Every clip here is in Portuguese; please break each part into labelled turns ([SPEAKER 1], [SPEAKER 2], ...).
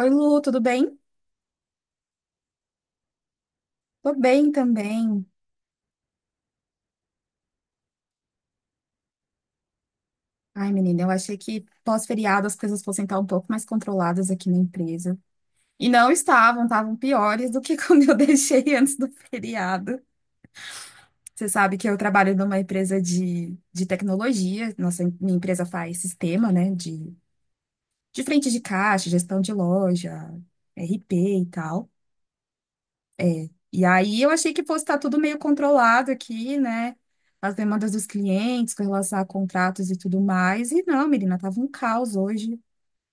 [SPEAKER 1] Oi, Lu, tudo bem? Tô bem também. Ai, menina, eu achei que pós-feriado as coisas fossem estar um pouco mais controladas aqui na empresa. E não estavam, estavam piores do que como eu deixei antes do feriado. Você sabe que eu trabalho numa empresa de tecnologia. Nossa, minha empresa faz sistema, né, de frente de caixa, gestão de loja, RP e tal. E aí eu achei que fosse estar tudo meio controlado aqui, né? As demandas dos clientes com relação a contratos e tudo mais. E não, menina, tava um caos hoje.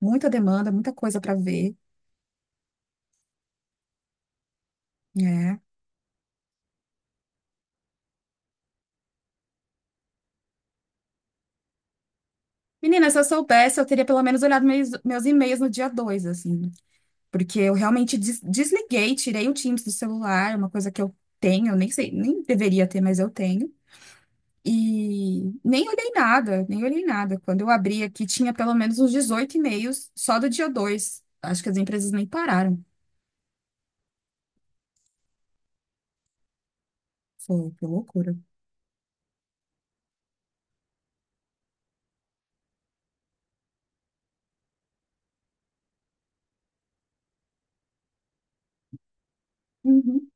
[SPEAKER 1] Muita demanda, muita coisa para ver. Né? Menina, se eu soubesse, eu teria pelo menos olhado meus e-mails no dia 2 assim. Porque eu realmente desliguei, tirei o Teams do celular, uma coisa que eu tenho, nem sei, nem deveria ter, mas eu tenho. E nem olhei nada, nem olhei nada. Quando eu abri aqui, tinha pelo menos uns 18 e-mails só do dia dois. Acho que as empresas nem pararam. Foi, que loucura. Uhum,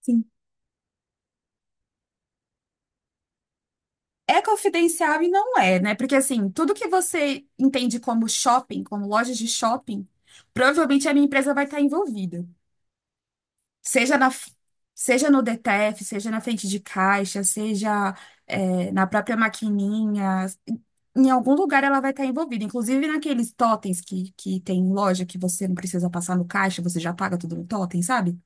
[SPEAKER 1] sim. É confidencial e não é, né? Porque assim, tudo que você entende como shopping, como lojas de shopping, provavelmente a minha empresa vai estar envolvida. Seja na, seja no DTF, seja na frente de caixa, seja, é, na própria maquininha, em algum lugar ela vai estar envolvida. Inclusive naqueles totens que tem em loja que você não precisa passar no caixa, você já paga tudo no totem, sabe?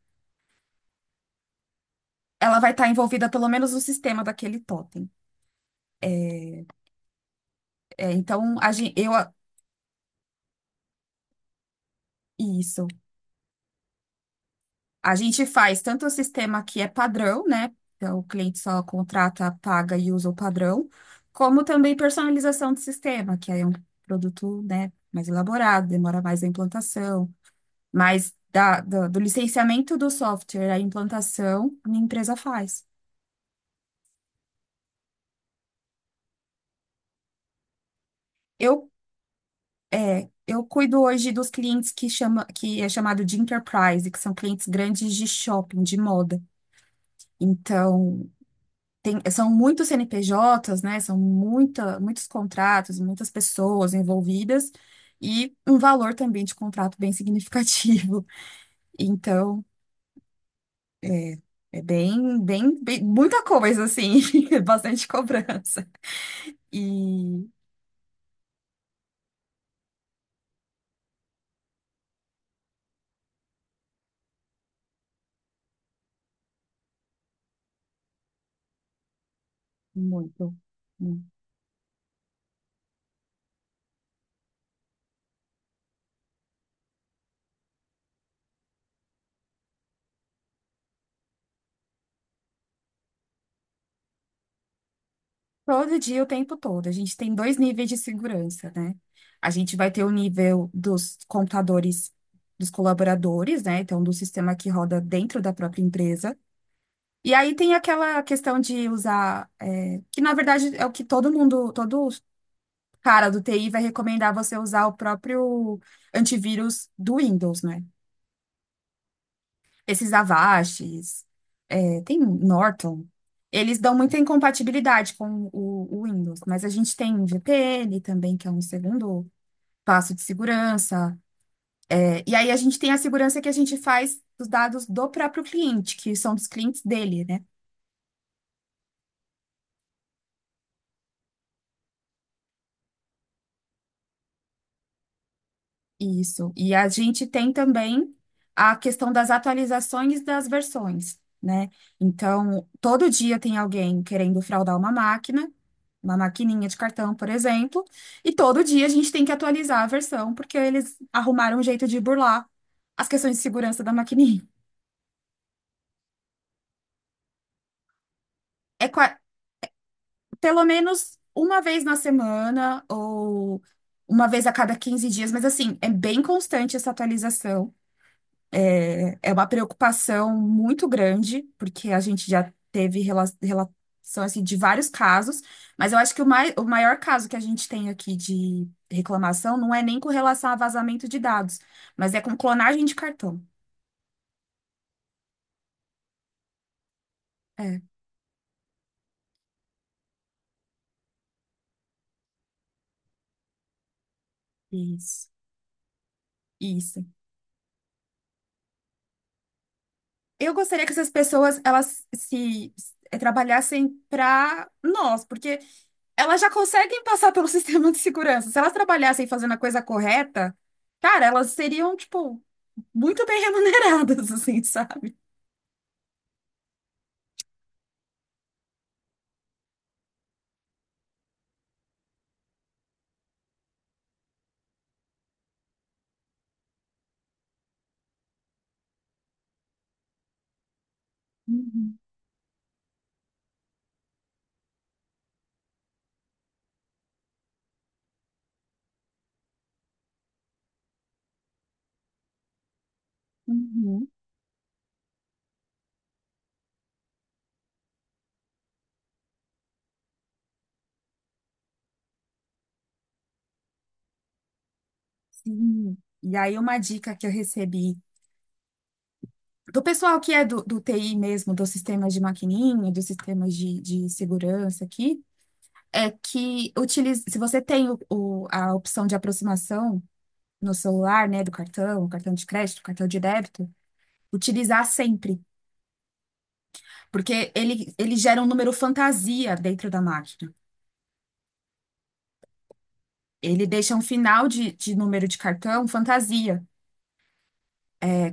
[SPEAKER 1] Ela vai estar envolvida pelo menos no sistema daquele totem. É, então, a gente, eu. Isso. A gente faz tanto o sistema que é padrão, né? Então, o cliente só contrata, paga e usa o padrão, como também personalização do sistema, que aí é um produto, né, mais elaborado, demora mais a implantação, mas da, do, do licenciamento do software à implantação, a minha empresa faz. Eu, eu cuido hoje dos clientes que chama, que é chamado de enterprise, que são clientes grandes de shopping, de moda. Então, são muitos CNPJs, né? São muitos contratos, muitas pessoas envolvidas e um valor também de contrato bem significativo. Então, é, é bem, bem, muita coisa, assim, bastante cobrança. E muito. Muito. Todo dia, o tempo todo. A gente tem dois níveis de segurança, né? A gente vai ter o nível dos computadores dos colaboradores, né? Então, do sistema que roda dentro da própria empresa. E aí tem aquela questão de usar, é, que na verdade é o que todo mundo, todo cara do TI vai recomendar você usar o próprio antivírus do Windows, né? Esses Avastes, é, tem Norton. Eles dão muita incompatibilidade com o Windows, mas a gente tem VPN também, que é um segundo passo de segurança. É, e aí a gente tem a segurança que a gente faz dos dados do próprio cliente, que são dos clientes dele, né? Isso. E a gente tem também a questão das atualizações das versões, né? Então, todo dia tem alguém querendo fraudar uma máquina, uma maquininha de cartão, por exemplo, e todo dia a gente tem que atualizar a versão, porque eles arrumaram um jeito de burlar as questões de segurança da maquininha. É qua- Pelo menos uma vez na semana ou uma vez a cada 15 dias, mas assim, é bem constante essa atualização. É, é uma preocupação muito grande, porque a gente já teve relação assim, de vários casos, mas eu acho que o maior caso que a gente tem aqui de reclamação não é nem com relação a vazamento de dados, mas é com clonagem de cartão. É, isso, isso. Eu gostaria que essas pessoas elas se se- trabalhassem para nós, porque elas já conseguem passar pelo sistema de segurança. Se elas trabalhassem fazendo a coisa correta, cara, elas seriam, tipo, muito bem remuneradas, assim, sabe? Uhum, uhum, sim. E aí, uma dica que eu recebi do pessoal que é do TI mesmo, dos sistemas de maquininha, dos sistemas de segurança aqui, é que utilize, se você tem a opção de aproximação no celular, né, do cartão, cartão de crédito, cartão de débito, utilizar sempre, porque ele gera um número fantasia dentro da máquina. Ele deixa um final de número de cartão fantasia.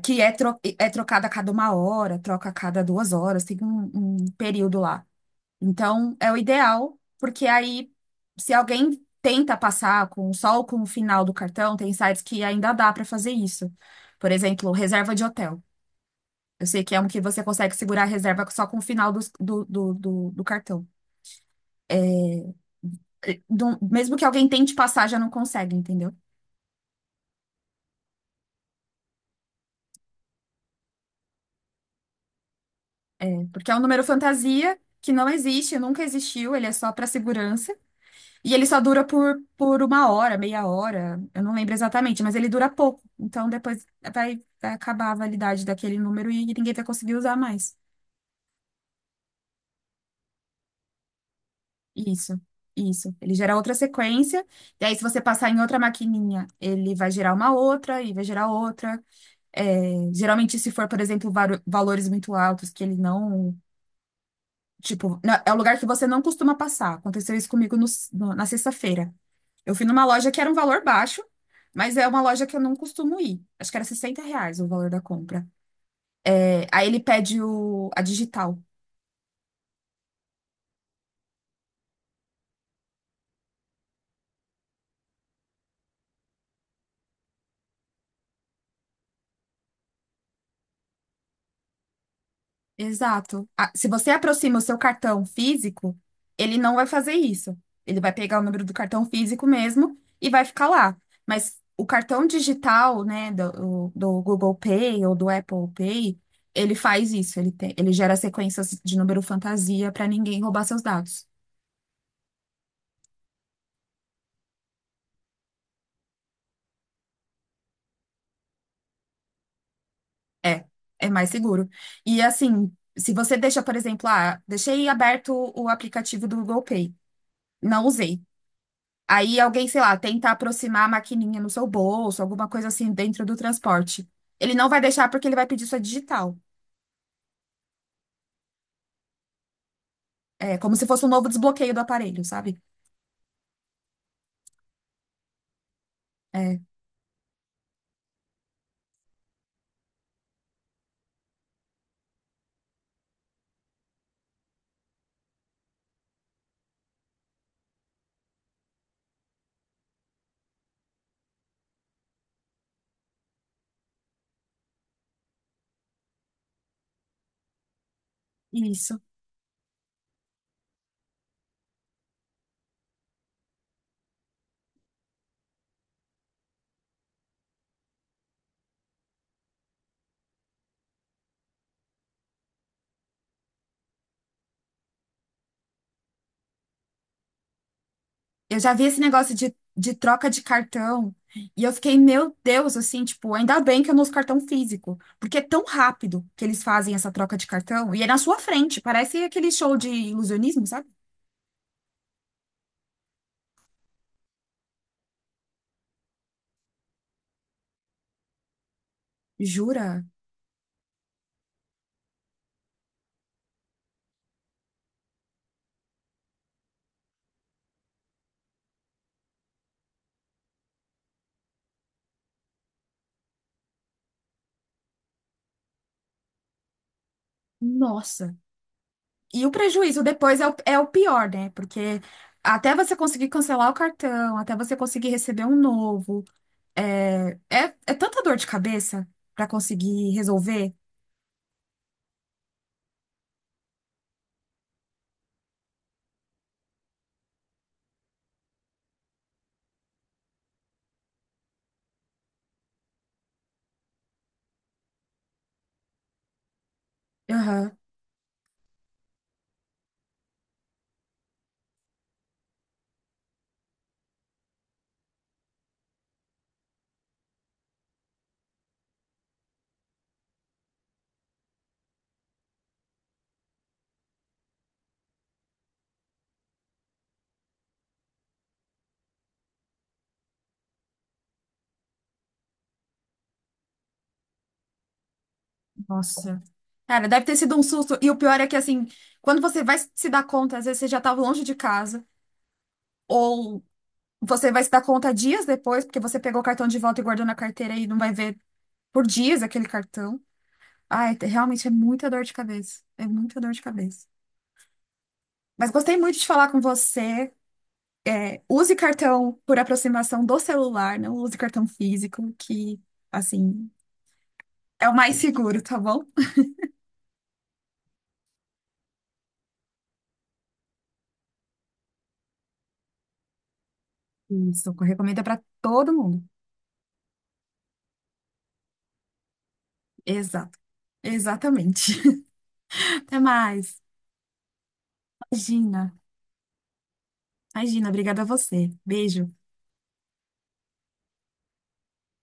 [SPEAKER 1] Que é, tro É trocado a cada uma hora, troca a cada duas horas, tem um, um período lá. Então, é o ideal, porque aí, se alguém tenta passar com com o final do cartão, tem sites que ainda dá para fazer isso. Por exemplo, reserva de hotel. Eu sei que é um que você consegue segurar a reserva só com o do cartão. E, mesmo que alguém tente passar, já não consegue, entendeu? Porque é um número fantasia que não existe, nunca existiu, ele é só para segurança. E ele só dura por uma hora, meia hora, eu não lembro exatamente, mas ele dura pouco. Então depois vai, vai acabar a validade daquele número e ninguém vai conseguir usar mais. Isso, isso. Ele gera outra sequência, e aí se você passar em outra maquininha, ele vai gerar uma outra e vai gerar outra. É, geralmente, se for, por exemplo, valores muito altos que ele não. Tipo, é o lugar que você não costuma passar. Aconteceu isso comigo na sexta-feira. Eu fui numa loja que era um valor baixo, mas é uma loja que eu não costumo ir. Acho que era R$ 60 o valor da compra. É, aí ele pede a digital. Exato. Ah, se você aproxima o seu cartão físico, ele não vai fazer isso. Ele vai pegar o número do cartão físico mesmo e vai ficar lá. Mas o cartão digital, né, do Google Pay ou do Apple Pay, ele faz isso. Ele tem, ele gera sequências de número fantasia para ninguém roubar seus dados. É, é mais seguro. E assim, se você deixa, por exemplo, ah, deixei aberto o aplicativo do Google Pay, não usei. Aí alguém, sei lá, tenta aproximar a maquininha no seu bolso, alguma coisa assim dentro do transporte. Ele não vai deixar porque ele vai pedir sua digital. É como se fosse um novo desbloqueio do aparelho, sabe? É, isso. Eu já vi esse negócio de troca de cartão e eu fiquei, meu Deus, assim, tipo, ainda bem que eu não uso cartão físico, porque é tão rápido que eles fazem essa troca de cartão e é na sua frente, parece aquele show de ilusionismo, sabe? Jura? Nossa. E o prejuízo depois é é o pior, né? Porque até você conseguir cancelar o cartão, até você conseguir receber um novo, é, é tanta dor de cabeça pra conseguir resolver. Aham. Nossa. Cara, deve ter sido um susto. E o pior é que, assim, quando você vai se dar conta, às vezes você já tava longe de casa, ou você vai se dar conta dias depois, porque você pegou o cartão de volta e guardou na carteira e não vai ver por dias aquele cartão. Ai, realmente é muita dor de cabeça. É muita dor de cabeça. Mas gostei muito de falar com você. É, use cartão por aproximação do celular, não use cartão físico, que, assim, é o mais seguro, tá bom? Isso, recomenda para todo mundo. Exato. Exatamente. Até mais. Imagina. Imagina, obrigada a você. Beijo.